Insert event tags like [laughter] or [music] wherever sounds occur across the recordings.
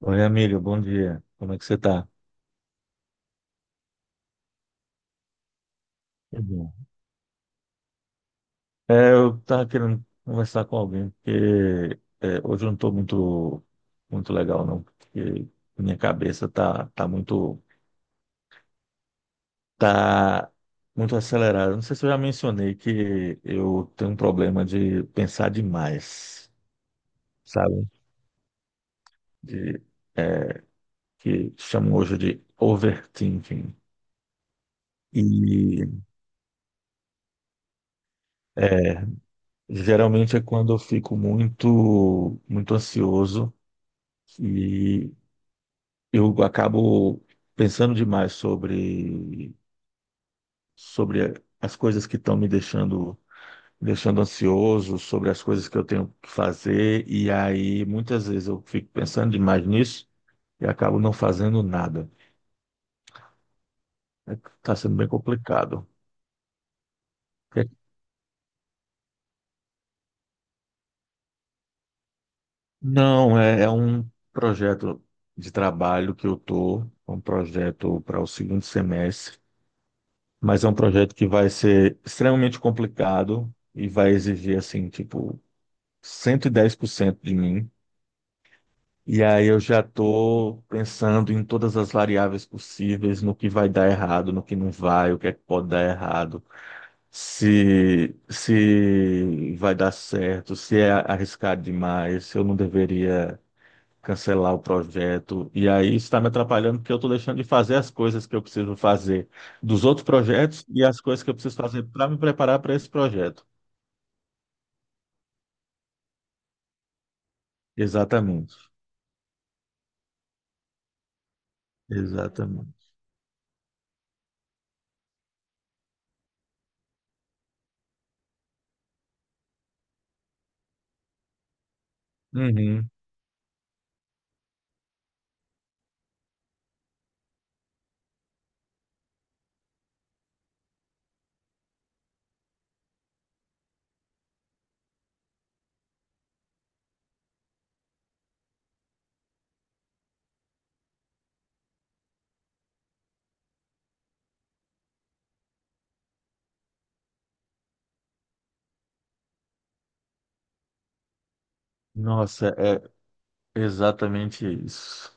Oi, amigo, bom dia. Como é que você está? Tudo bom. É, eu estava querendo conversar com alguém, porque hoje eu não estou muito, muito legal, não, porque minha cabeça tá tá muito acelerada. Não sei se eu já mencionei que eu tenho um problema de pensar demais, sabe? De, é, que chamam hoje de overthinking. E é, Geralmente é quando eu fico muito, muito ansioso. E eu acabo pensando demais sobre as coisas que estão me deixando ansioso, sobre as coisas que eu tenho que fazer, e aí muitas vezes eu fico pensando demais nisso e acabo não fazendo nada. Está sendo bem complicado. É- Não, é um projeto de trabalho é um projeto para o segundo semestre, mas é um projeto que vai ser extremamente complicado e vai exigir assim, tipo, 110% de mim. E aí eu já estou pensando em todas as variáveis possíveis, no que vai dar errado, no que não vai, o que é que pode dar errado, se vai dar certo, se é arriscado demais, se eu não deveria cancelar o projeto. E aí isso está me atrapalhando porque eu estou deixando de fazer as coisas que eu preciso fazer dos outros projetos e as coisas que eu preciso fazer para me preparar para esse projeto. Exatamente. Exatamente. Uhum. Nossa, exatamente isso.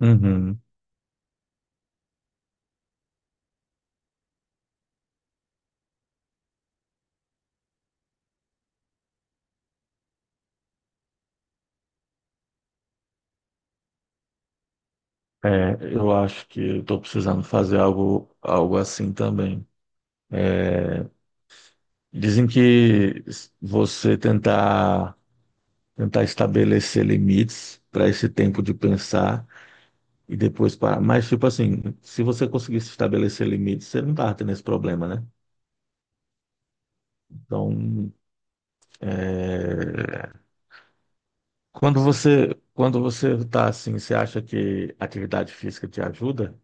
Uhum. É, eu acho que eu estou precisando fazer algo assim também. Dizem que você tentar, tentar estabelecer limites para esse tempo de pensar e depois parar. Mas, tipo assim, se você conseguisse estabelecer limites, você não tá tendo esse problema, né? Então, é, quando você tá assim, você acha que atividade física te ajuda?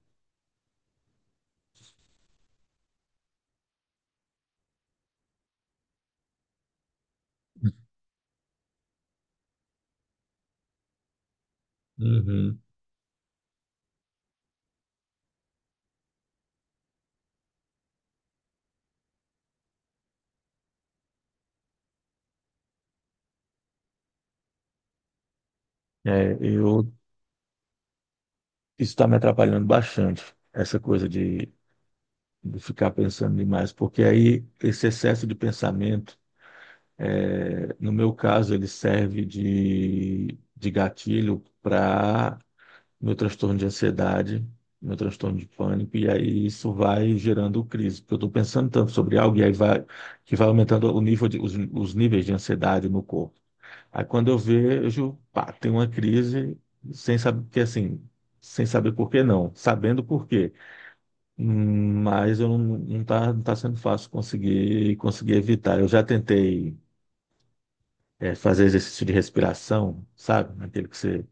Uhum. É, eu Isso está me atrapalhando bastante, essa coisa de ficar pensando demais, porque aí esse excesso de pensamento, é, no meu caso, ele serve de gatilho para meu transtorno de ansiedade, meu transtorno de pânico, e aí isso vai gerando crise, porque eu estou pensando tanto sobre algo que vai aumentando o os níveis de ansiedade no corpo. Aí quando eu vejo, pá, tem uma crise, sem saber, porque assim, sem saber por que não, sabendo por quê, mas eu não tá sendo fácil conseguir evitar. Eu já tentei, fazer exercício de respiração, sabe? Aquele que você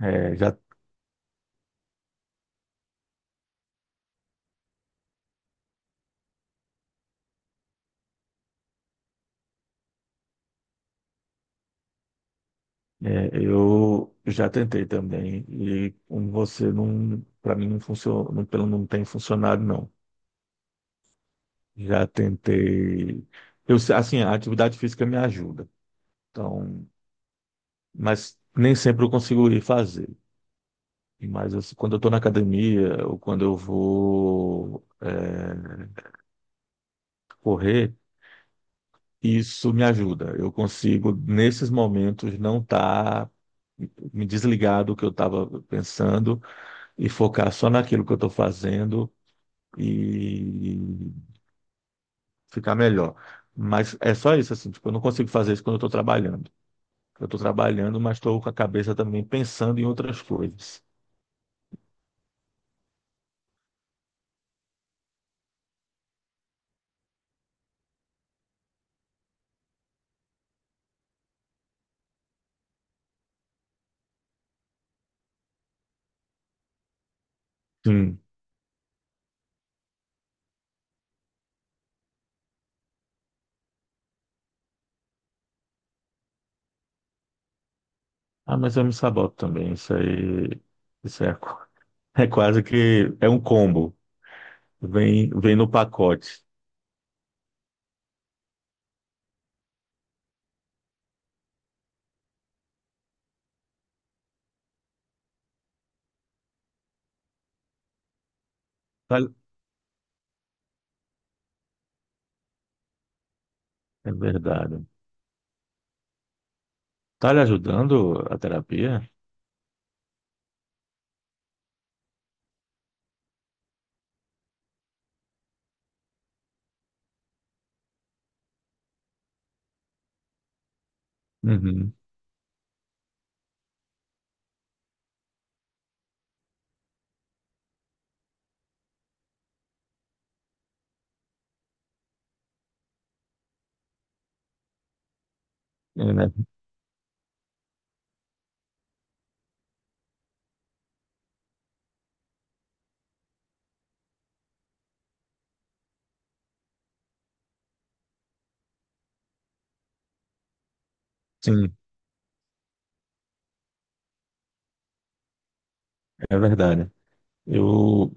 é, já eu já tentei também e como você não, para mim não funcionou, não, pelo não tem funcionado, não. Já tentei, eu se- assim a atividade física me ajuda, então, mas nem sempre eu consigo ir fazer. Mas assim, quando eu estou na academia ou quando eu vou, correr. Isso me ajuda. Eu consigo, nesses momentos, não estar me desligar do que eu estava pensando e focar só naquilo que eu estou fazendo e ficar melhor. Mas é só isso, assim, tipo, eu não consigo fazer isso quando eu estou trabalhando. Eu estou trabalhando, mas estou com a cabeça também pensando em outras coisas. Sim. Ah, mas eu me saboto também. Isso aí, isso é, qu- [laughs] é quase que é um combo. Vem no pacote. Vale- É verdade. Tá lhe ajudando a terapia? Uhum. É, né? Sim, é verdade. Eu,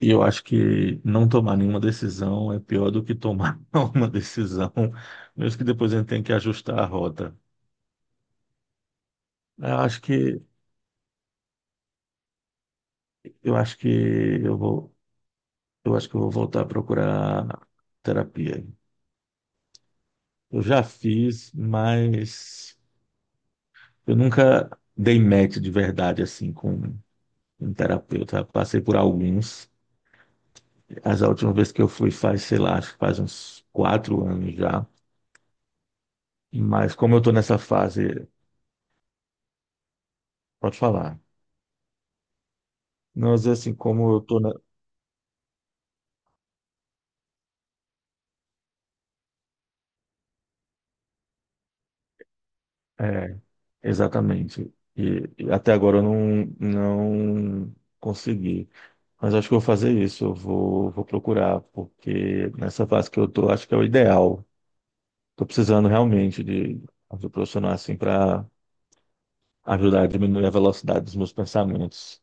eu acho que não tomar nenhuma decisão é pior do que tomar [laughs] uma decisão, mesmo que depois a gente tenha que ajustar a rota. Eu acho que eu acho que eu vou eu vou voltar a procurar terapia. Eu já fiz, mas eu nunca dei match de verdade assim com um terapeuta. Passei por alguns. As últimas vezes que eu fui faz, sei lá, acho que faz uns 4 anos já. Mas como eu tô nessa fase, pode falar. Não, às vezes assim, como eu tô na... É, exatamente. E até agora eu não consegui. Mas acho que eu vou fazer isso, eu vou, vou procurar, porque nessa fase que eu tô, acho que é o ideal. Tô precisando realmente de ajuda profissional assim para ajudar a diminuir a velocidade dos meus pensamentos.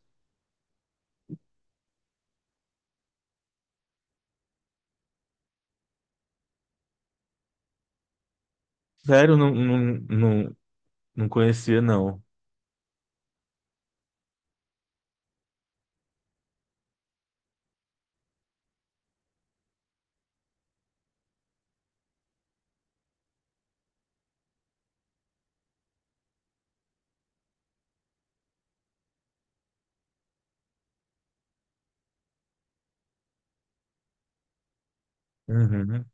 Sério, não, não, não, não conhecia, não. Uhum.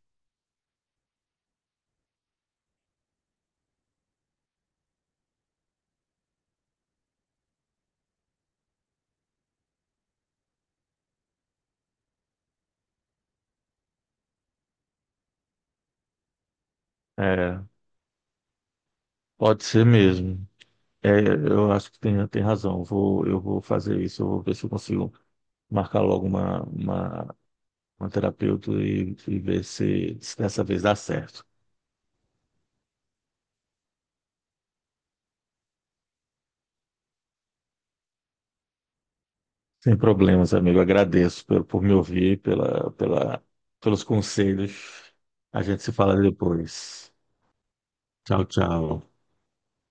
É, pode ser mesmo. É, eu acho que tem razão. Eu vou, eu vou fazer isso, eu vou ver se eu consigo marcar logo uma terapeuta e ver se dessa vez dá certo. Sem problemas, amigo. Agradeço por me ouvir, pelos conselhos. A gente se fala depois. Tchau, tchau.